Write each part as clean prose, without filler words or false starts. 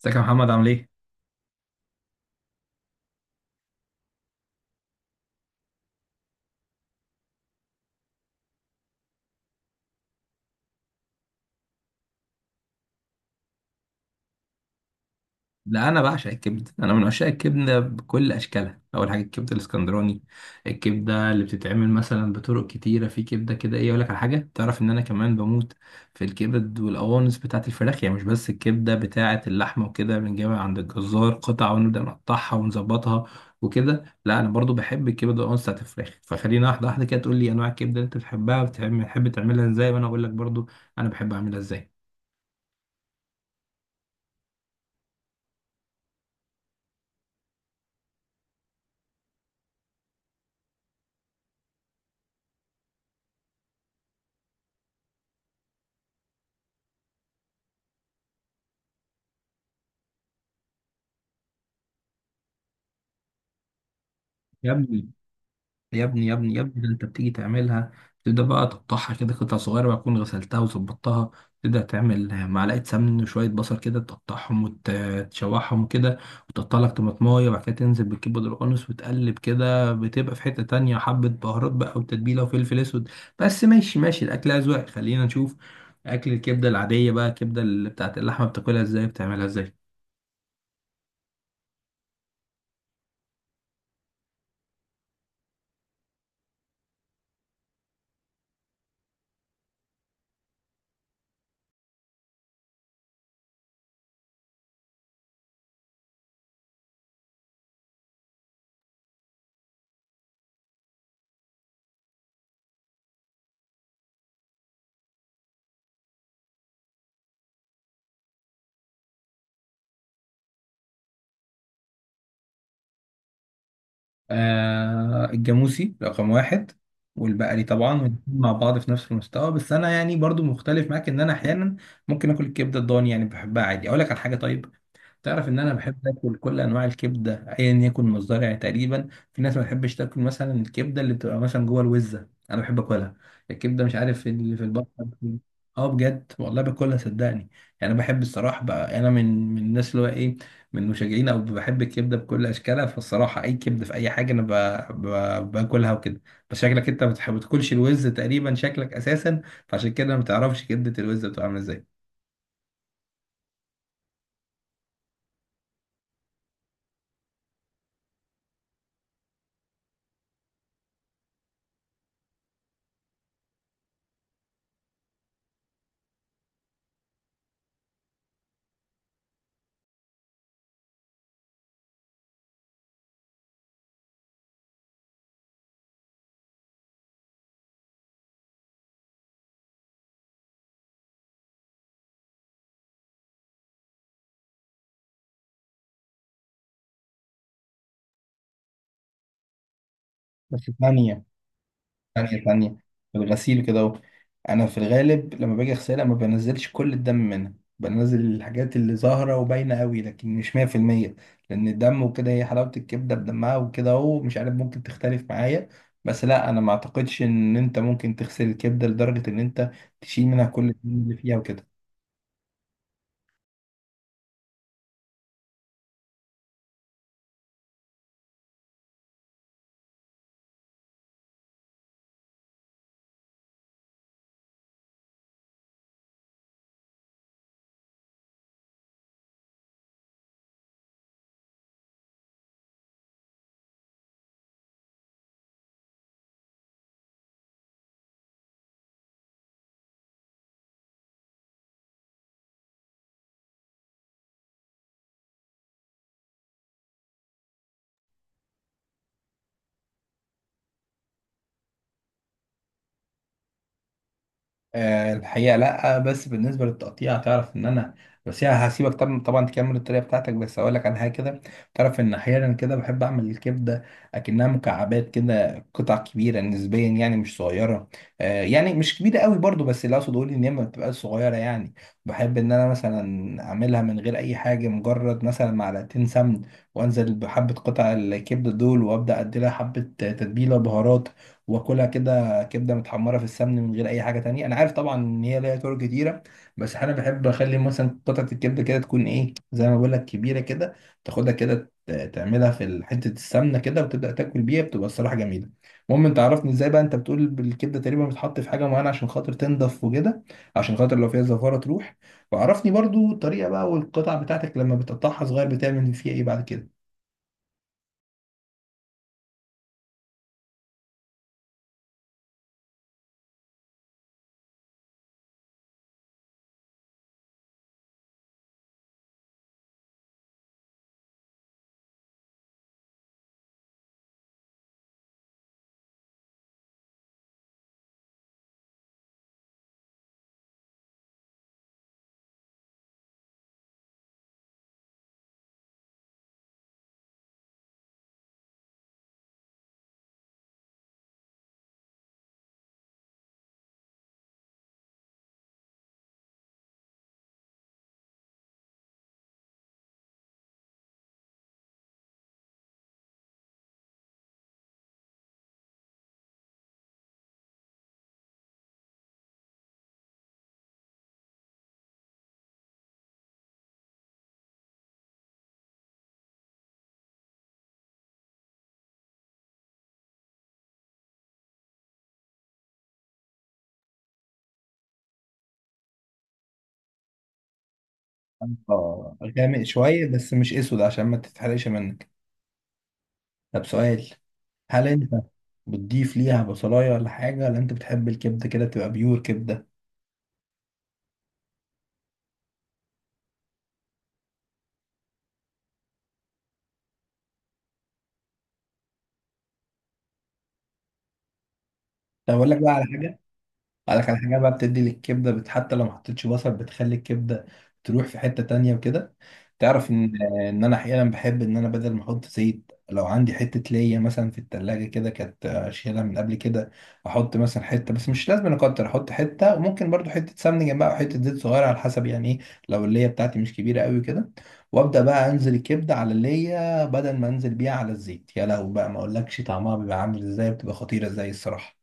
ازيك يا محمد عامل ايه؟ لا، انا بعشق الكبد، انا من عشاق الكبده بكل اشكالها. اول حاجه الكبده الاسكندراني، الكبده اللي بتتعمل مثلا بطرق كتيره، في كبده كده، ايه، اقول لك على حاجه. تعرف ان انا كمان بموت في الكبد والقوانص بتاعه الفراخ، يعني مش بس الكبده بتاعه اللحمه، وكده بنجيبها عند الجزار قطع ونبدا نقطعها ونظبطها وكده. لا، انا برضو بحب الكبده والقوانص بتاعه الفراخ، فخلينا واحده واحده كده تقول لي انواع الكبده اللي انت بتحبها، بتحب تعملها ازاي، وانا اقول لك برضو انا بحب اعملها ازاي. يا ابني يا ابني يا ابني يا ابني، ده انت بتيجي تعملها، تبدأ بقى تقطعها كده قطع صغيرة، بقى تكون غسلتها وظبطتها. تبدأ تعمل معلقة سمن وشوية بصل كده، تقطعهم وتشوحهم كده، وتقطع لك طماطماية، وبعد كده تنزل بالكبد القانص وتقلب كده، بتبقى في حتة تانية حبة بهارات بقى وتتبيلة وفلفل أسود. بس ماشي ماشي، الأكل أذواق، خلينا نشوف. أكل الكبدة العادية بقى، الكبدة اللي بتاعت اللحمة، بتاكلها إزاي؟ بتعملها إزاي؟ آه، الجاموسي رقم واحد، والبقري طبعا، والاتنين مع بعض في نفس المستوى. بس انا يعني برضو مختلف معاك، ان انا احيانا ممكن اكل الكبده الضاني، يعني بحبها عادي. اقول لك على حاجه، طيب، تعرف ان انا بحب اكل كل انواع الكبده ايا يكن مصدرها تقريبا. في ناس ما بتحبش تاكل مثلا الكبده اللي بتبقى مثلا جوه الوزه، انا بحب اكلها، الكبده مش عارف إيه اللي في البطن. اه، بجد والله باكلها صدقني. يعني انا بحب الصراحه بقى، انا من الناس اللي هو ايه، من مشجعين، او بحب الكبده بكل اشكالها، فالصراحه اي كبده في اي حاجه، انا باكلها وكده. بس شكلك انت ما بتاكلش الوز تقريبا، شكلك اساسا، فعشان كده ما بتعرفش كبده الوز بتبقى عامله ازاي. بس ثانية ثانية ثانية، في الغسيل كده اهو. انا في الغالب لما باجي اغسلها ما بنزلش كل الدم منها، بنزل الحاجات اللي ظاهرة وباينة قوي، لكن مش 100%، لان الدم وكده هي حلاوة الكبدة بدمها وكده اهو، مش عارف، ممكن تختلف معايا. بس لا، انا ما اعتقدش ان انت ممكن تغسل الكبدة لدرجة ان انت تشيل منها كل الدم اللي فيها وكده. آه، الحقيقة لأ. بس بالنسبة للتقطيع، تعرف إن أنا، بس يعني هسيبك طبعا طبعا تكمل الطريقة بتاعتك، بس أقول لك على حاجة كده. تعرف إن أحيانا كده بحب أعمل الكبدة أكنها مكعبات كده، قطع كبيرة نسبيا، يعني مش صغيرة. آه، يعني مش كبيرة قوي برضو، بس اللي أقصد أقول إن هي ما بتبقاش صغيرة يعني. بحب إن أنا مثلا أعملها من غير أي حاجة، مجرد مثلا معلقتين سمن، وأنزل بحبة قطع الكبدة دول، وأبدأ أديلها حبة تتبيلة بهارات، وآكلها كده. كبده متحمره في السمن من غير اي حاجه تانية. انا عارف طبعا ان هي ليها طرق كتيره، بس انا بحب اخلي مثلا قطعه الكبده كده تكون ايه، زي ما بقول لك كبيره كده، تاخدها كده تعملها في حته السمنه كده، وتبدا تاكل بيها، بتبقى الصراحه جميله. المهم، انت عرفني ازاي بقى انت بتقول بالكبده تقريبا، بتحط في حاجه معينه عشان خاطر تنضف وكده، عشان خاطر لو فيها زفاره تروح. وعرفني برضو الطريقه بقى، والقطع بتاعتك لما بتقطعها صغير بتعمل فيها ايه بعد كده. اه، غامق شويه بس مش اسود، عشان ما تتحرقش منك. طب سؤال، هل انت بتضيف ليها بصلايه ولا حاجه، ولا انت بتحب الكبده كده تبقى بيور كبده؟ طب اقول لك بقى على حاجه، اقول لك على حاجه بقى، بتدي للكبده حتى لو ما حطيتش بصل بتخلي الكبده تروح في حته تانية وكده. تعرف ان انا احيانا بحب ان انا بدل ما احط زيت، لو عندي حته ليا مثلا في التلاجة كده كانت اشيلها من قبل كده، احط مثلا حته، بس مش لازم أنا اكتر احط حته، وممكن برضو حته سمنه جنبها او حته زيت صغيره، على حسب يعني ايه لو الليا بتاعتي مش كبيره قوي كده. وابدا بقى انزل الكبده على الليا بدل ما انزل بيها على الزيت، يا لهوي بقى، ما اقولكش طعمها بيبقى عامل ازاي، بتبقى خطيره ازاي الصراحه.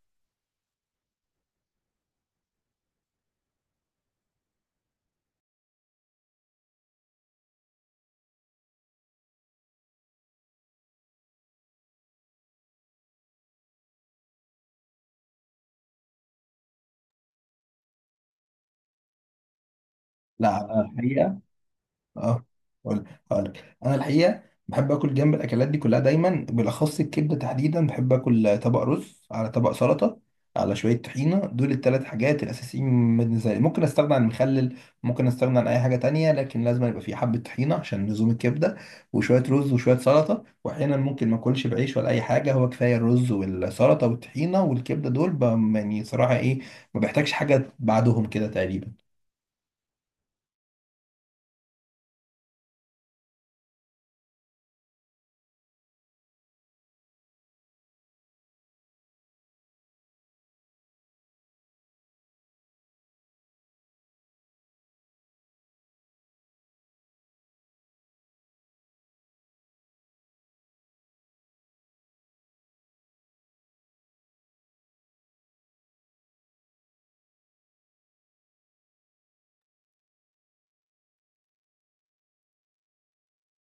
لا، أنا الحقيقه، اه، هقول هقولك انا الحقيقه بحب اكل جنب الاكلات دي كلها دايما، بالاخص الكبده تحديدا بحب اكل طبق رز على طبق سلطه على شويه طحينه. دول الثلاث حاجات الاساسيين بالنسبه لي، ممكن استغنى عن المخلل، ممكن استغنى عن اي حاجه تانية، لكن لازم يبقى في حبه طحينه عشان لزوم الكبده، وشويه رز وشويه سلطه. واحيانا ممكن ما اكلش بعيش ولا اي حاجه، هو كفايه الرز والسلطه والطحينه والكبده دول يعني صراحه ايه، ما بحتاجش حاجه بعدهم كده تقريبا.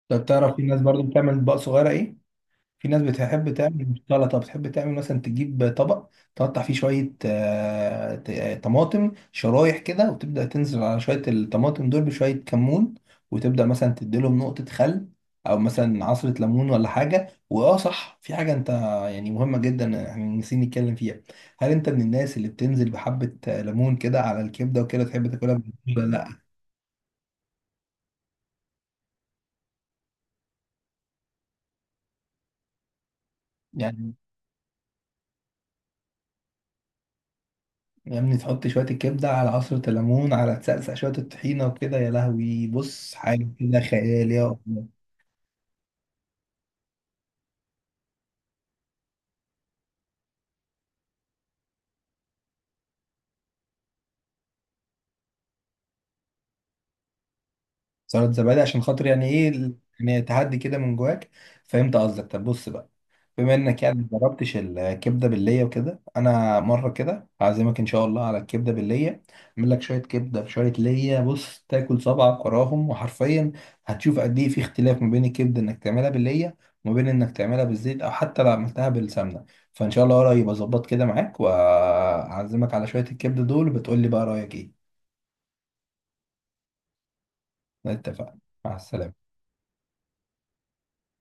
طب تعرف في ناس برضو بتعمل اطباق صغيره ايه، في ناس بتحب تعمل مش سلطة، بتحب تعمل مثلا تجيب طبق تقطع فيه شوية طماطم شرايح كده، وتبدأ تنزل على شوية الطماطم دول بشوية كمون، وتبدأ مثلا تديلهم نقطة خل، أو مثلا عصرة ليمون ولا حاجة. وآه صح، في حاجة أنت يعني مهمة جدا احنا نسينا نتكلم فيها. هل أنت من الناس اللي بتنزل بحبة ليمون كده على الكبدة وكده، تحب تاكلها بالليمون ولا لأ؟ يعني، يا ابني تحط شوية الكبدة على عصرة الليمون، على تسقسق شوية الطحينة وكده، يا لهوي بص حاجة كده خيال، يا الله. سلطة زبادي عشان خاطر يعني ايه، يعني تهدي كده من جواك. فهمت قصدك. طب بص بقى، بما انك يعني ما جربتش الكبده بالليه وكده، انا مره كده هعزمك ان شاء الله على الكبده بالليه، اعمل لك شويه كبده بشويه ليه، بص تاكل صبعك وراهم، وحرفيا هتشوف قد ايه في اختلاف ما بين الكبده انك تعملها بالليه، وما بين انك تعملها بالزيت او حتى لو عملتها بالسمنه. فان شاء الله قريب اظبط كده معاك، وهعزمك على شويه الكبده دول، وبتقول لي بقى رايك ايه. اتفقنا، مع السلامه.